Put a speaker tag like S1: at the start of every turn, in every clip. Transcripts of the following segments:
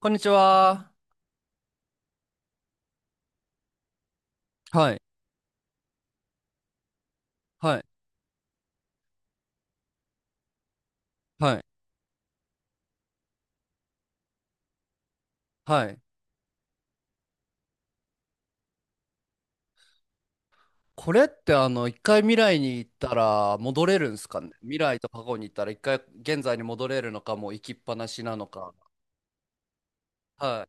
S1: こんにちは。はい、はい、はい、はい。これって一回未来に行ったら戻れるんすかね？未来と過去に行ったら一回現在に戻れるのか、もう行きっぱなしなのか。はい。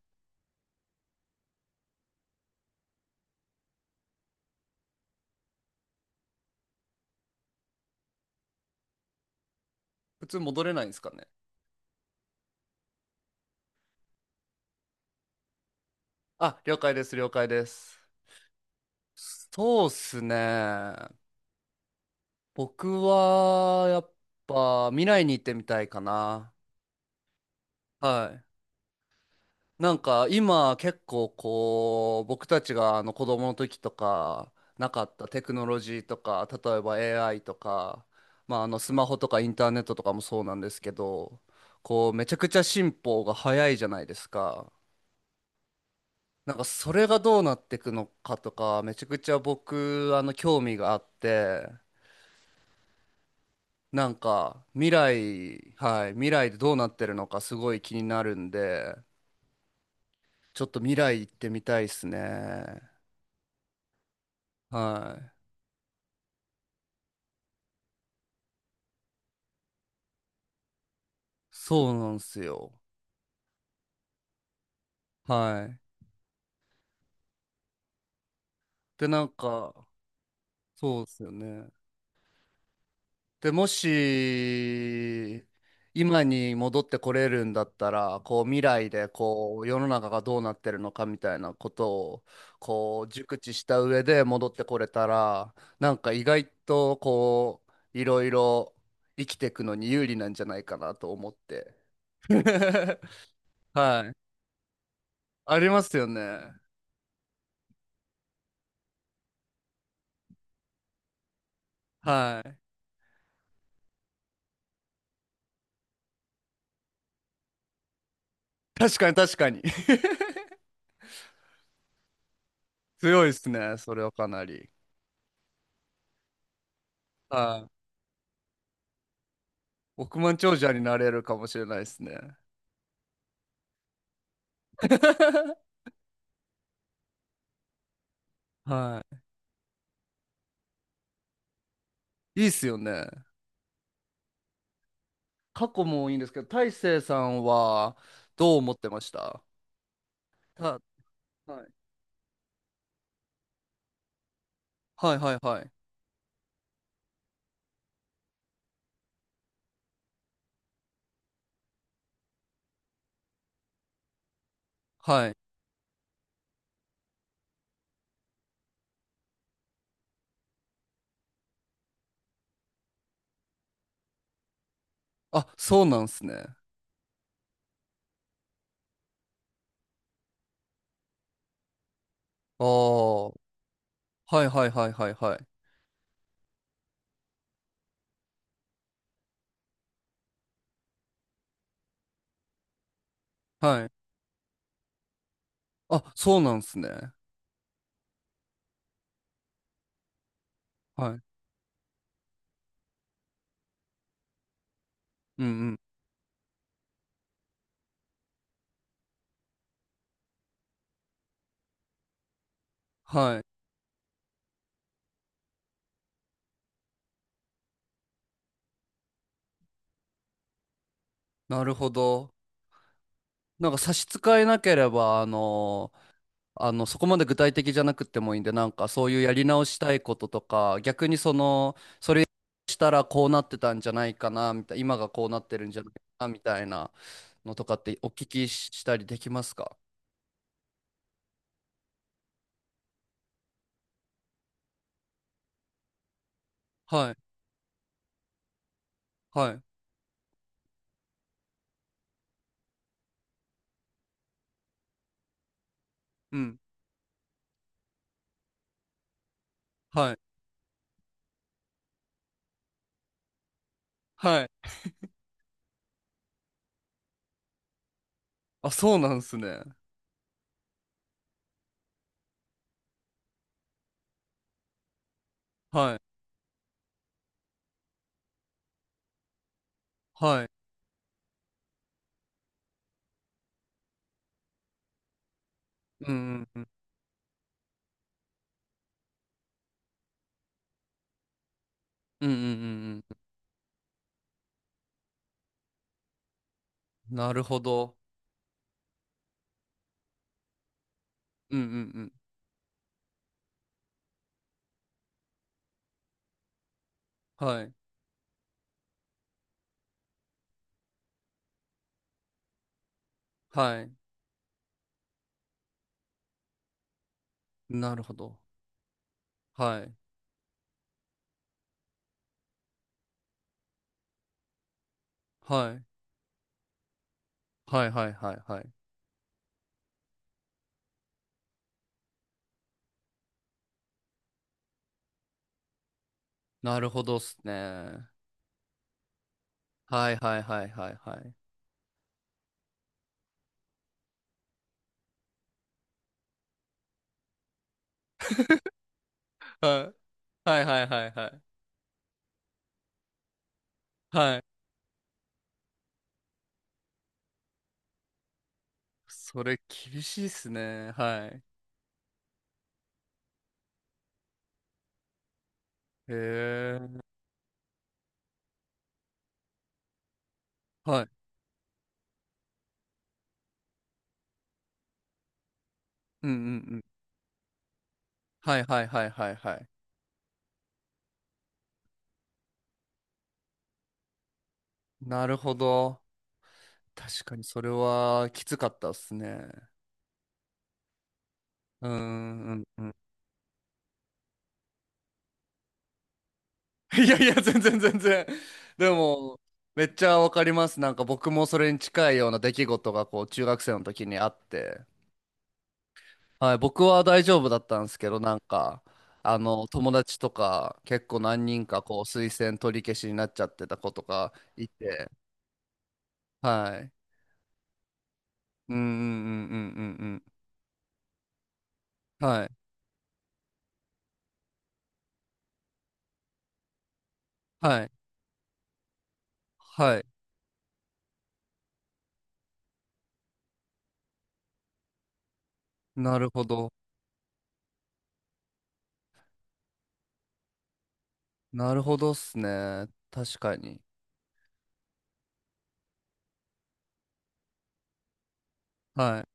S1: 普通戻れないんですかね？あ、了解です、了解です。そうっすね。僕は、やっぱ、未来に行ってみたいかな。はい。なんか今結構こう僕たちがあの子供の時とかなかったテクノロジーとか例えば AI とか、まあ、あのスマホとかインターネットとかもそうなんですけど、こうめちゃくちゃ進歩が早いじゃないですか。なんかそれがどうなっていくのかとかめちゃくちゃ僕興味があって、なんか未来、はい、未来でどうなってるのかすごい気になるんで、ちょっと未来行ってみたいですね。はい、そうなんですよ。はい。で、なんか、そうですよね。で、もし、今に戻ってこれるんだったら、こう、未来で、こう、世の中がどうなってるのかみたいなことを、こう、熟知した上で戻ってこれたら、なんか意外と、こう、いろいろ生きていくのに有利なんじゃないかなと思って。はい。ありますよね。はい。確かに確かに。強いですね、それはかなり。はい。億万長者になれるかもしれないですね。はい。いいっすよね。過去もいいんですけど、大成さんはどう思ってました？た、はい、はいはいはい。はい。あ、そうなんすね。ああ、はいはいはいはいはい。はい。あ、そうなんすね。はい。うんうん。はい。なるほど。なんか差し支えなければ、そこまで具体的じゃなくてもいいんで、なんかそういうやり直したいこととか、逆にその、それしたらこうなってたんじゃないかな、みたいな、今がこうなってるんじゃないかな、みたいなのとかってお聞きしたりできますか？はい、はい、うん、はい、はい。あ、そうなんですね。はい、はい。うん、うん、うん、うん、うん、うんうん。なるほど。うん、うん、うん。はい、はい。なるほど。はい、はい、はい、はい、はい、はい。なるほどっすね。はいはいはいはいはい。はい。はいはいはいはい。はい。それ厳しいっすね。はい。へえ。はい。うんうんうん。はいはいはいはいはい。なるほど。確かにそれはきつかったっすね。うーん、うんうん。いやいや、全然全然。でも、めっちゃわかります。なんか僕もそれに近いような出来事がこう中学生の時にあって。はい、僕は大丈夫だったんですけど、なんか、友達とか、結構何人か、こう、推薦取り消しになっちゃってた子とかいて、はい。うんうんうんうんうんうん。はい。はい。はい。なるほど。なるほどっすね。確かに。は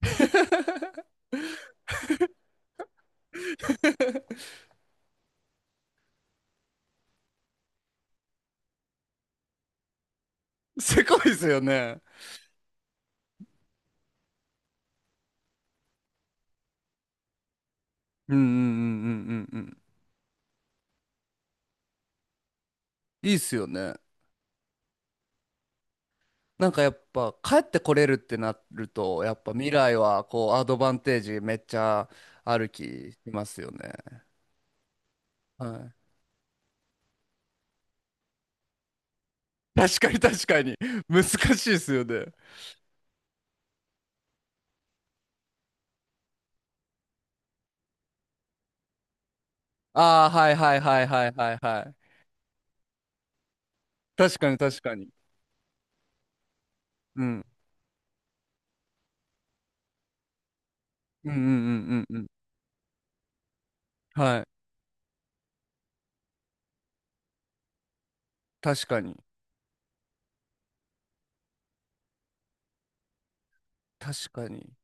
S1: い。すごいっすよね。うんうんうんうんうんうん。いいっすよね。なんかやっぱ帰ってこれるってなると、やっぱ未来はこうアドバンテージめっちゃある気しますよね。はい。確かに確かに。難しいですよね。ああ、はいはいはいはいはいはい。確かに確かに。うん。うんうんうんうんうん。はい。確かに。確かに。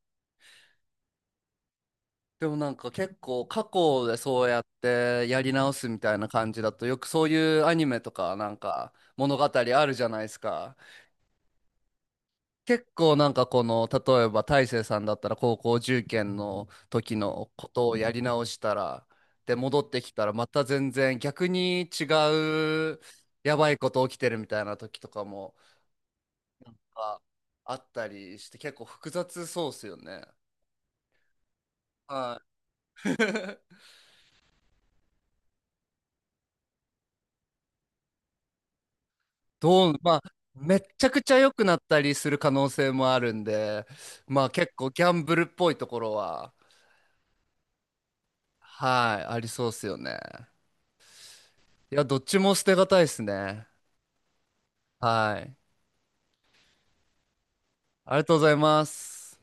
S1: でもなんか結構過去でそうやってやり直すみたいな感じだとよくそういうアニメとかなんか物語あるじゃないですか。結構なんかこの、例えば大成さんだったら高校受験の時のことをやり直したら、で、戻ってきたらまた全然逆に違うやばいこと起きてるみたいな時とかもあ、あったりして結構複雑そうっすよね。はい。まあ、めっちゃくちゃ良くなったりする可能性もあるんで、まあ結構ギャンブルっぽいところは、はい、ありそうっすよね。いや、どっちも捨てがたいっすね。はい。ありがとうございます。